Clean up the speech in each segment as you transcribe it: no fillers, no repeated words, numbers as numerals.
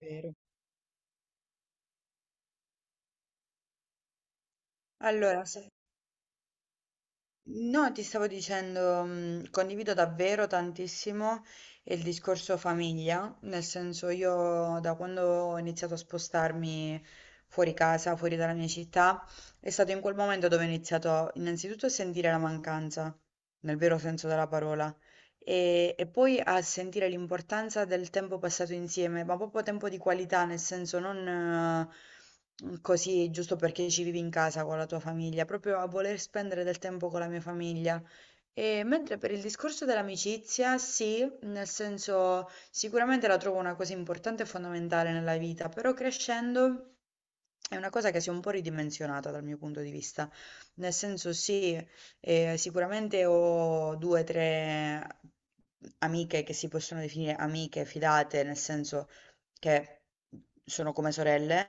Vero. Allora, no, ti stavo dicendo, condivido davvero tantissimo il discorso famiglia, nel senso io da quando ho iniziato a spostarmi fuori casa, fuori dalla mia città, è stato in quel momento dove ho iniziato innanzitutto a sentire la mancanza, nel vero senso della parola. E poi a sentire l'importanza del tempo passato insieme, ma proprio tempo di qualità, nel senso non così giusto perché ci vivi in casa con la tua famiglia, proprio a voler spendere del tempo con la mia famiglia. E mentre per il discorso dell'amicizia, sì, nel senso sicuramente la trovo una cosa importante e fondamentale nella vita, però crescendo... È una cosa che si è un po' ridimensionata dal mio punto di vista, nel senso sì, sicuramente ho due o tre amiche che si possono definire amiche fidate, nel senso che sono come sorelle,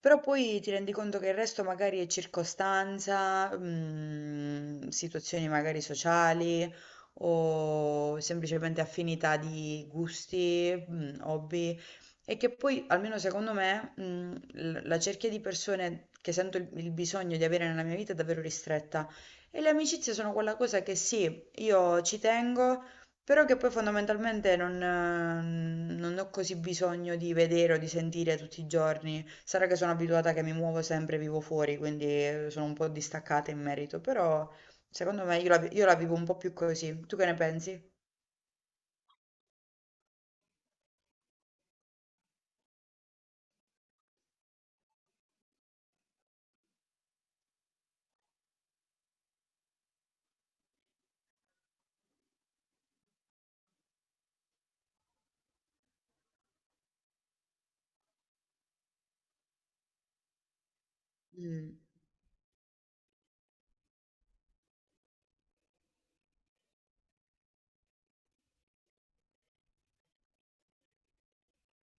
però poi ti rendi conto che il resto magari è circostanza, situazioni magari sociali o semplicemente affinità di gusti, hobby. E che poi, almeno secondo me, la cerchia di persone che sento il bisogno di avere nella mia vita è davvero ristretta. E le amicizie sono quella cosa che sì, io ci tengo, però che poi fondamentalmente non ho così bisogno di vedere o di sentire tutti i giorni. Sarà che sono abituata che mi muovo sempre, vivo fuori, quindi sono un po' distaccata in merito, però secondo me io la vivo un po' più così. Tu che ne pensi? Mm,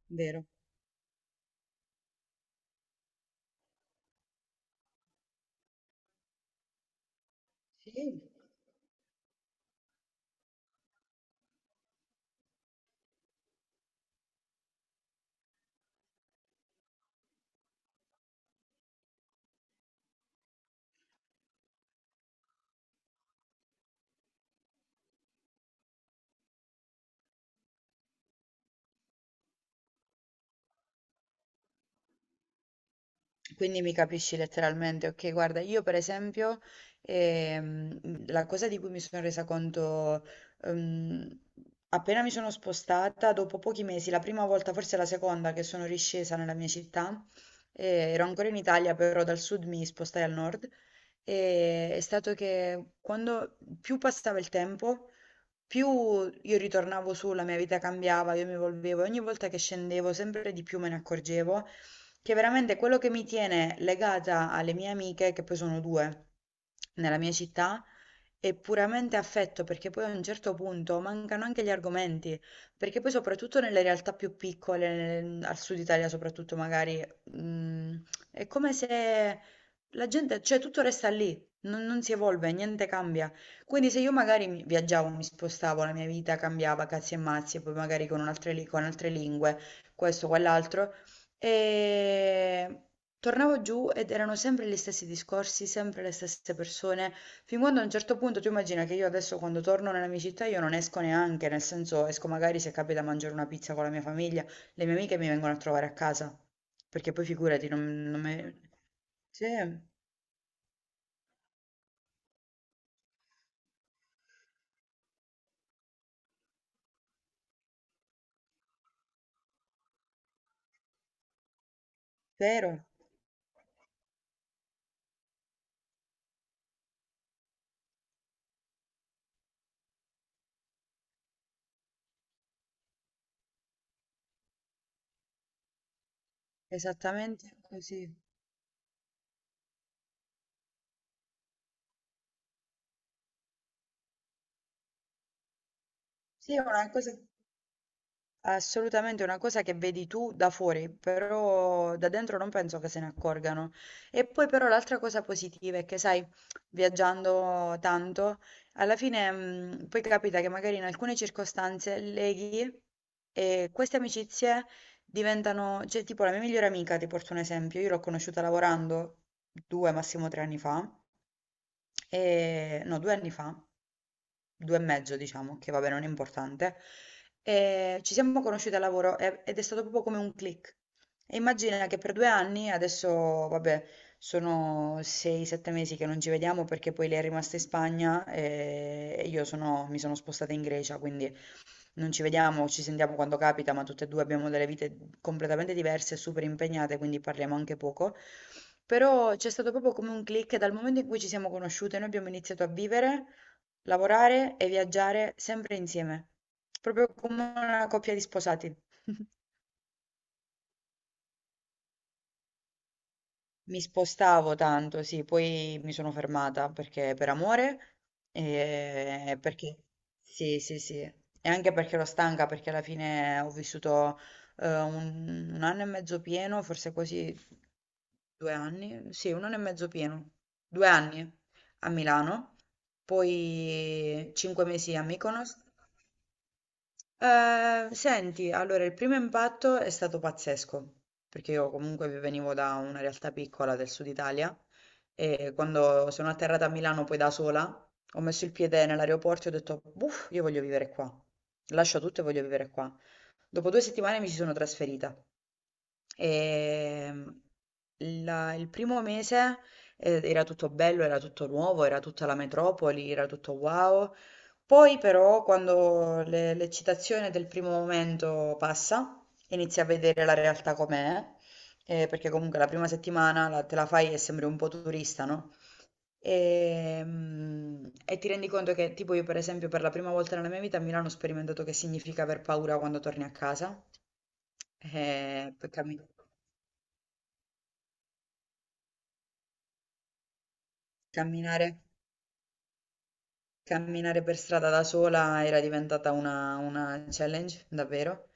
vero. Sì. Quindi mi capisci letteralmente, ok? Guarda, io per esempio, la cosa di cui mi sono resa conto, ehm, appena mi sono spostata, dopo pochi mesi, la prima volta, forse la seconda che sono riscesa nella mia città, ero ancora in Italia, però dal sud mi spostai al nord, è stato che quando più passava il tempo, più io ritornavo su, la mia vita cambiava, io mi evolvevo, e ogni volta che scendevo sempre di più me ne accorgevo che veramente quello che mi tiene legata alle mie amiche, che poi sono due nella mia città, è puramente affetto, perché poi a un certo punto mancano anche gli argomenti, perché poi soprattutto nelle realtà più piccole, al sud Italia soprattutto magari, è come se la gente, cioè tutto resta lì. Non si evolve, niente cambia. Quindi se io magari viaggiavo, mi spostavo, la mia vita cambiava, cazzi e mazzi, e poi magari con altre lingue, questo, quell'altro, e tornavo giù ed erano sempre gli stessi discorsi, sempre le stesse persone, fin quando a un certo punto tu immagina che io adesso quando torno nella mia città io non esco neanche, nel senso esco magari se capita a mangiare una pizza con la mia famiglia, le mie amiche mi vengono a trovare a casa, perché poi figurati, non me... Sì, vero, esattamente così. Sì, è una cosa... È assolutamente una cosa che vedi tu da fuori, però da dentro non penso che se ne accorgano. E poi però l'altra cosa positiva è che, sai, viaggiando tanto, alla fine poi capita che magari in alcune circostanze leghi e queste amicizie diventano, cioè tipo la mia migliore amica, ti porto un esempio, io l'ho conosciuta lavorando 2, massimo 3 anni fa. No, 2 anni fa, 2 e mezzo diciamo, che vabbè non è importante, ci siamo conosciuti al lavoro ed è stato proprio come un click. E immagina che per 2 anni, adesso vabbè sono 6, 7 mesi che non ci vediamo perché poi lei è rimasta in Spagna, e io sono mi sono spostata in Grecia, quindi non ci vediamo, ci sentiamo quando capita, ma tutte e due abbiamo delle vite completamente diverse, super impegnate, quindi parliamo anche poco. Però c'è stato proprio come un click dal momento in cui ci siamo conosciute, noi abbiamo iniziato a vivere, lavorare e viaggiare sempre insieme, proprio come una coppia di sposati. Mi spostavo tanto, sì, poi mi sono fermata perché per amore e perché sì, sì, sì, e anche perché ero stanca, perché alla fine ho vissuto un anno e mezzo pieno, forse quasi 2 anni, sì, un anno e mezzo pieno, 2 anni a Milano, poi 5 mesi a Mykonos. Senti, allora il primo impatto è stato pazzesco, perché io comunque venivo da una realtà piccola del sud Italia e quando sono atterrata a Milano poi da sola, ho messo il piede nell'aeroporto e ho detto, uff, io voglio vivere qua, lascio tutto e voglio vivere qua. Dopo 2 settimane mi ci sono trasferita. Ehm, il primo mese era tutto bello, era tutto nuovo, era tutta la metropoli, era tutto wow. Poi però quando l'eccitazione del primo momento passa, inizi a vedere la realtà com'è, perché comunque la prima settimana te la fai e sembri un po' turista, no? E ti rendi conto che, tipo, io, per esempio, per la prima volta nella mia vita a Milano ho sperimentato che significa aver paura quando torni a casa. Per camminare. Camminare per strada da sola era diventata una challenge, davvero.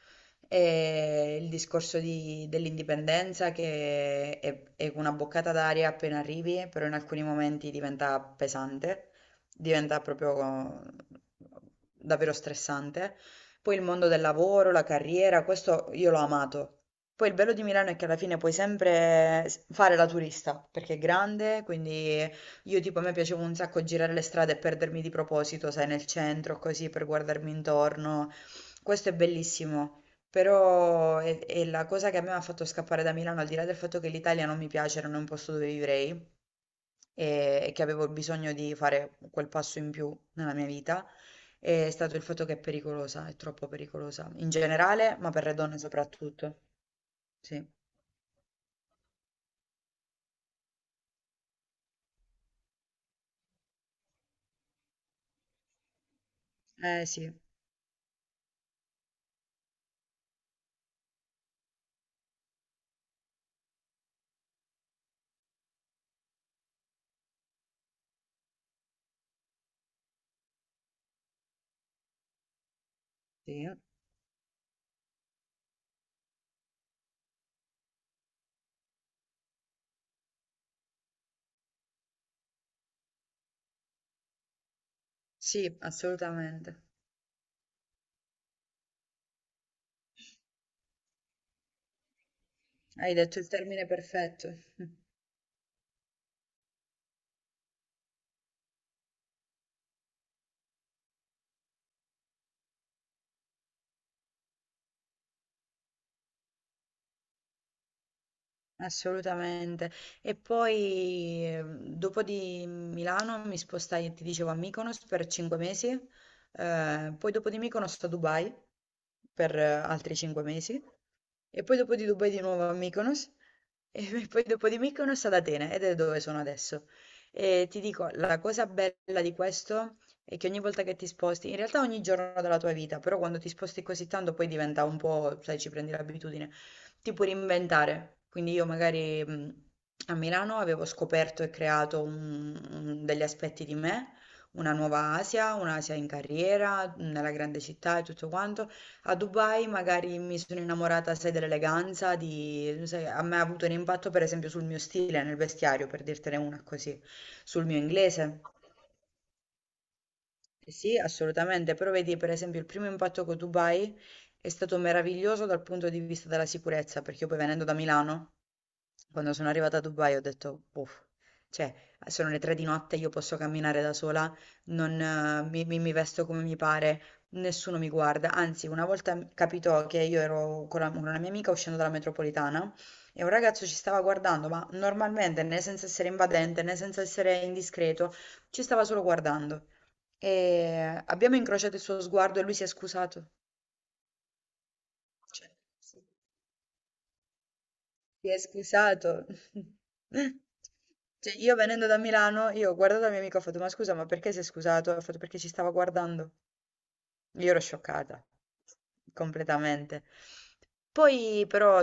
E il discorso dell'indipendenza che è una boccata d'aria appena arrivi, però in alcuni momenti diventa pesante, diventa proprio davvero stressante. Poi il mondo del lavoro, la carriera, questo io l'ho amato. Poi il bello di Milano è che alla fine puoi sempre fare la turista, perché è grande, quindi io tipo a me piaceva un sacco girare le strade e perdermi di proposito, sai, nel centro, così per guardarmi intorno. Questo è bellissimo, però è la cosa che a me mi ha fatto scappare da Milano, al di là del fatto che l'Italia non mi piace, non è un posto dove vivrei e che avevo bisogno di fare quel passo in più nella mia vita, è stato il fatto che è pericolosa, è troppo pericolosa, in generale, ma per le donne soprattutto. Sì, eh sì, sì, sì, assolutamente. Hai detto il termine perfetto. Assolutamente. E poi dopo di Milano mi spostai, ti dicevo, a Mykonos per 5 mesi, poi dopo di Mykonos a Dubai per altri 5 mesi, e poi dopo di Dubai di nuovo a Mykonos, e poi dopo di Mykonos ad Atene, ed è dove sono adesso. E ti dico, la cosa bella di questo è che ogni volta che ti sposti, in realtà ogni giorno della tua vita, però quando ti sposti così tanto poi diventa un po', sai, ci prendi l'abitudine ti puoi reinventare. Quindi io magari a Milano avevo scoperto e creato degli aspetti di me, una nuova Asia, un'Asia in carriera, nella grande città e tutto quanto. A Dubai magari mi sono innamorata, sai, dell'eleganza, di... sai, a me ha avuto un impatto per esempio sul mio stile, nel vestiario, per dirtene una così, sul mio inglese. Eh sì, assolutamente, però vedi per esempio il primo impatto con Dubai è stato meraviglioso dal punto di vista della sicurezza, perché io poi venendo da Milano, quando sono arrivata a Dubai ho detto, uff, cioè sono le 3 di notte, io posso camminare da sola, non, mi, mi- mi vesto come mi pare, nessuno mi guarda, anzi una volta capitò che io ero con una mia amica uscendo dalla metropolitana e un ragazzo ci stava guardando, ma normalmente né senza essere invadente né senza essere indiscreto, ci stava solo guardando. E abbiamo incrociato il suo sguardo e lui si è scusato. Cioè, si si è scusato. Cioè, io venendo da Milano, io ho guardato la mia amica e ho fatto, ma scusa, ma perché si è scusato? Ha fatto perché ci stava guardando. Io ero scioccata, completamente. Poi però